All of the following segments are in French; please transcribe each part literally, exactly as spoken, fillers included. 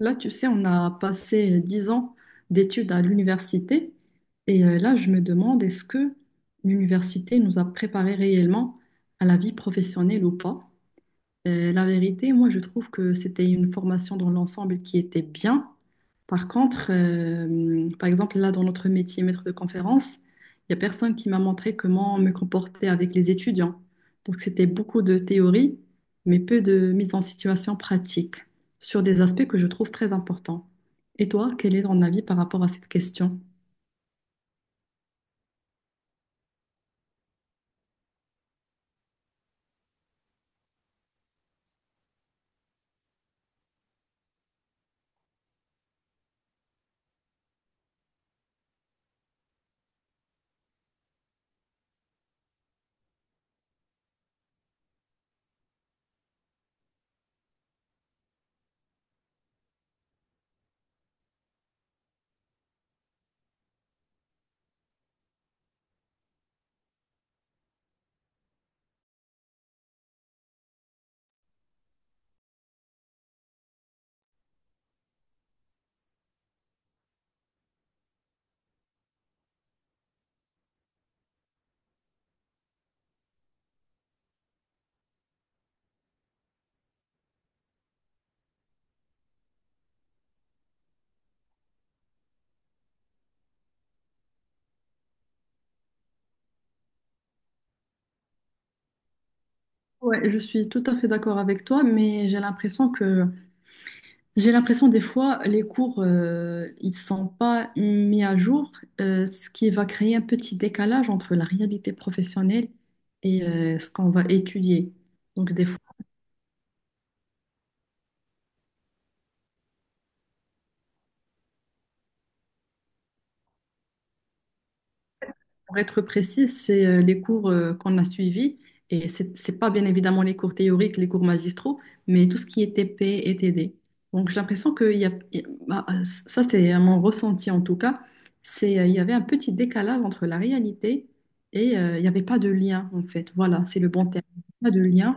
Là, tu sais, on a passé euh, dix ans d'études à l'université et euh, là, je me demande, est-ce que l'université nous a préparés réellement à la vie professionnelle ou pas? Euh, la vérité, moi, je trouve que c'était une formation dans l'ensemble qui était bien. Par contre, euh, par exemple, là, dans notre métier maître de conférence, il n'y a personne qui m'a montré comment me comporter avec les étudiants. Donc, c'était beaucoup de théorie, mais peu de mise en situation pratique sur des aspects que je trouve très importants. Et toi, quel est ton avis par rapport à cette question? Ouais, je suis tout à fait d'accord avec toi, mais j'ai l'impression que j'ai l'impression des fois, les cours, euh, ils sont pas mis à jour, euh, ce qui va créer un petit décalage entre la réalité professionnelle et euh, ce qu'on va étudier. Donc des Pour être précise, c'est euh, les cours euh, qu'on a suivis. Et c'est c'est pas bien évidemment les cours théoriques, les cours magistraux, mais tout ce qui est T P et T D. Donc j'ai l'impression que il y a, il Bah, ça, c'est mon ressenti en tout cas. C'est, euh, il y avait un petit décalage entre la réalité et euh, il n'y avait pas de lien en fait. Voilà, c'est le bon terme. Pas de lien.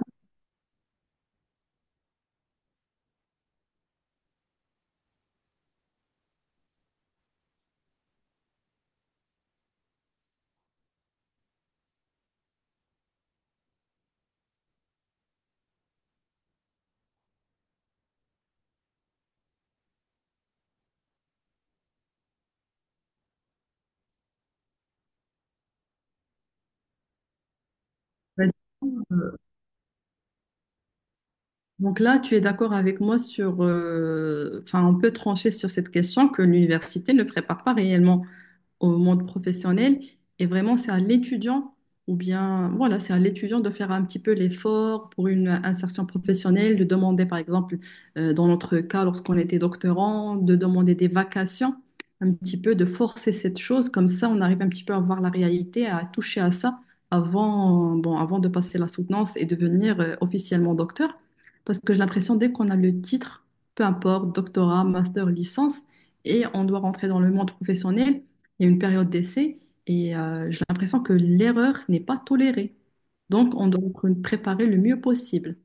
Bah, Euh, Donc là, tu es d'accord avec moi sur, euh, enfin, on peut trancher sur cette question que l'université ne prépare pas réellement au monde professionnel. Et vraiment, c'est à l'étudiant, ou bien, voilà, c'est à l'étudiant de faire un petit peu l'effort pour une insertion professionnelle, de demander, par exemple, euh, dans notre cas, lorsqu'on était doctorant, de demander des vacations, un petit peu de forcer cette chose. Comme ça, on arrive un petit peu à voir la réalité, à toucher à ça avant, bon, avant de passer la soutenance et devenir euh, officiellement docteur. Parce que j'ai l'impression, dès qu'on a le titre, peu importe, doctorat, master, licence, et on doit rentrer dans le monde professionnel, il y a une période d'essai et euh, j'ai l'impression que l'erreur n'est pas tolérée. Donc, on doit préparer le mieux possible.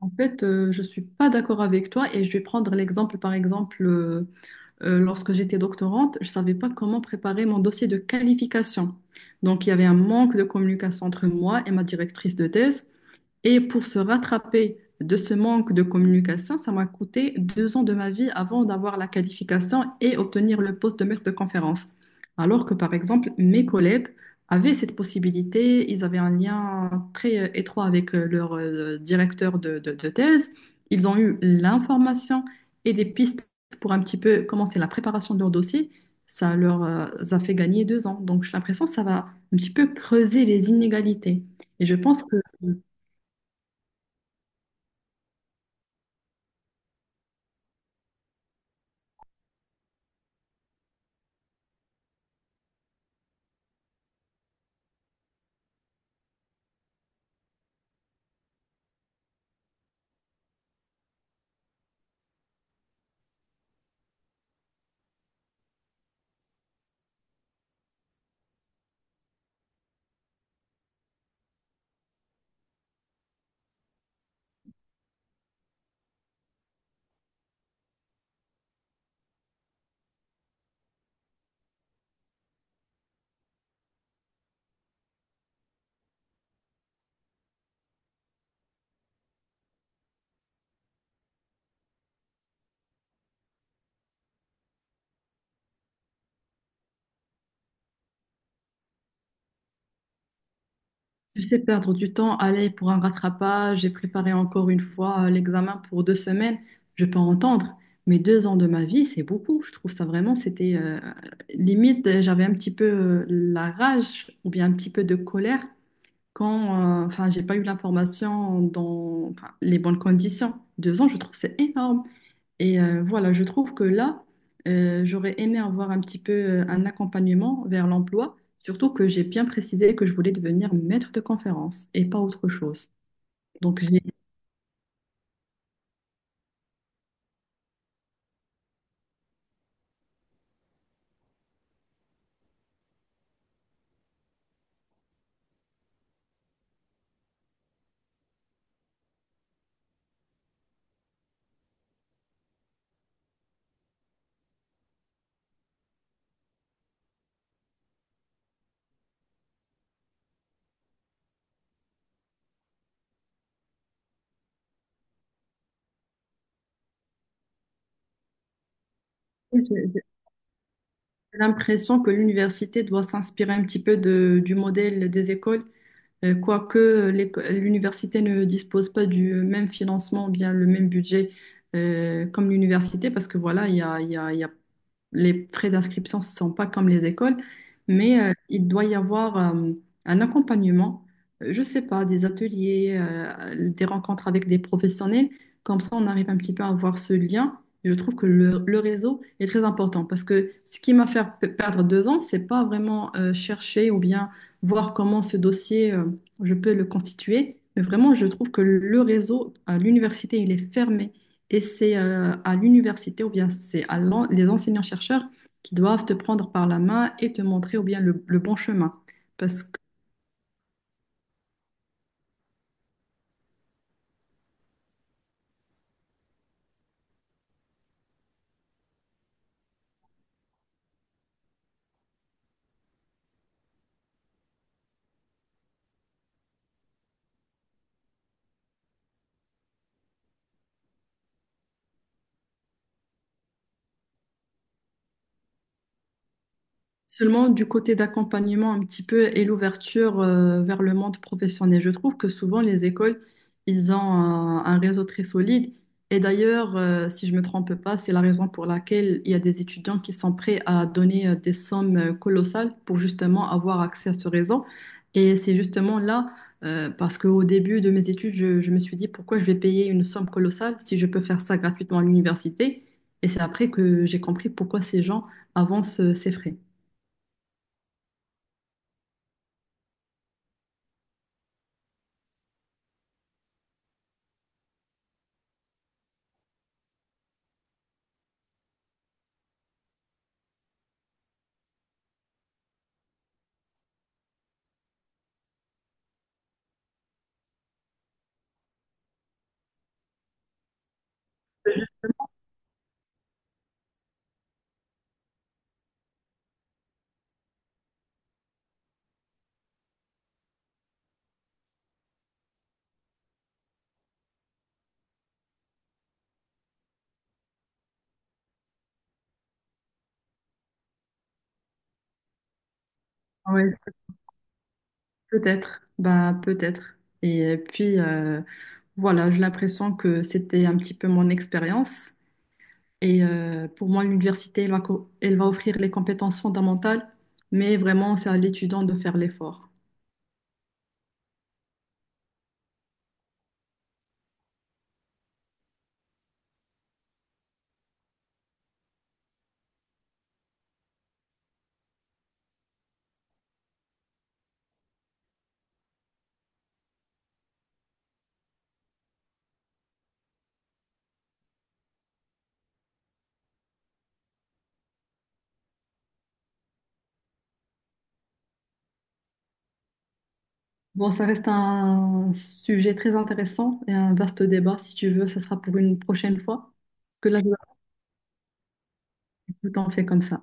En fait, euh, je ne suis pas d'accord avec toi et je vais prendre l'exemple, par exemple, euh, euh, lorsque j'étais doctorante, je ne savais pas comment préparer mon dossier de qualification. Donc, il y avait un manque de communication entre moi et ma directrice de thèse. Et pour se rattraper de ce manque de communication, ça m'a coûté deux ans de ma vie avant d'avoir la qualification et obtenir le poste de maître de conférence. Alors que, par exemple, mes collègues avaient cette possibilité, ils avaient un lien très euh, étroit avec euh, leur euh, directeur de, de- de thèse, ils ont eu l'information et des pistes pour un petit peu commencer la préparation de leur dossier. Ça leur euh, a fait gagner deux ans. Donc, j'ai l'impression que ça va un petit peu creuser les inégalités. Et je pense que Tu sais, perdre du temps, aller pour un rattrapage, j'ai préparé encore une fois euh, l'examen pour deux semaines, je peux entendre, mais deux ans de ma vie, c'est beaucoup. Je trouve ça vraiment, c'était euh, limite, euh, j'avais un petit peu euh, la rage ou bien un petit peu de colère quand, euh, enfin, j'ai pas eu l'information dans enfin, les bonnes conditions. Deux ans, je trouve c'est énorme. Et euh, voilà, je trouve que là, euh, j'aurais aimé avoir un petit peu euh, un accompagnement vers l'emploi, surtout que j'ai bien précisé que je voulais devenir maître de conférence et pas autre chose. Donc, j'ai j'ai- j'ai l'impression que l'université doit s'inspirer un petit peu de- du modèle des écoles. Euh, Quoique euh, l'éco- l'université ne dispose pas du euh, même financement, ou bien le même budget euh, comme l'université, parce que voilà, il y a, il y a- il y a- les frais d'inscription ne sont pas comme les écoles, mais euh, il doit y avoir euh, un accompagnement, euh, je ne sais pas, des ateliers, euh, des rencontres avec des professionnels, comme ça on arrive un petit peu à avoir ce lien. Je trouve que le, le réseau est très important parce que ce qui m'a fait pe- perdre deux ans, c'est pas vraiment euh, chercher ou bien voir comment ce dossier euh, je peux le constituer. Mais vraiment, je trouve que le réseau à l'université, il est fermé. Et c'est euh, à l'université ou bien c'est à l'en- les enseignants-chercheurs qui doivent te prendre par la main et te montrer ou bien le, le bon chemin. Parce Seulement du côté d'accompagnement un petit peu et l'ouverture euh, vers le monde professionnel. Je trouve que souvent les écoles, ils ont un, un réseau très solide. Et d'ailleurs, euh, si je me trompe pas, c'est la raison pour laquelle il y a des étudiants qui sont prêts à donner euh, des sommes euh, colossales pour justement avoir accès à ce réseau. Et c'est justement là, euh, parce qu'au début de mes études, je, je me suis dit pourquoi je vais payer une somme colossale si je peux faire ça gratuitement à l'université. Et c'est après que j'ai compris pourquoi ces gens avancent euh, ces frais. Ouais, peut-être, bah peut-être. Et puis euh, voilà, j'ai l'impression que c'était un petit peu mon expérience. Et euh, pour moi, l'université, elle va, co- elle va offrir les compétences fondamentales, mais vraiment, c'est à l'étudiant de faire l'effort. Bon, ça reste un sujet très intéressant et un vaste débat. Si tu veux, ça sera pour une prochaine fois. Parce que là, je vais tout en fait comme ça.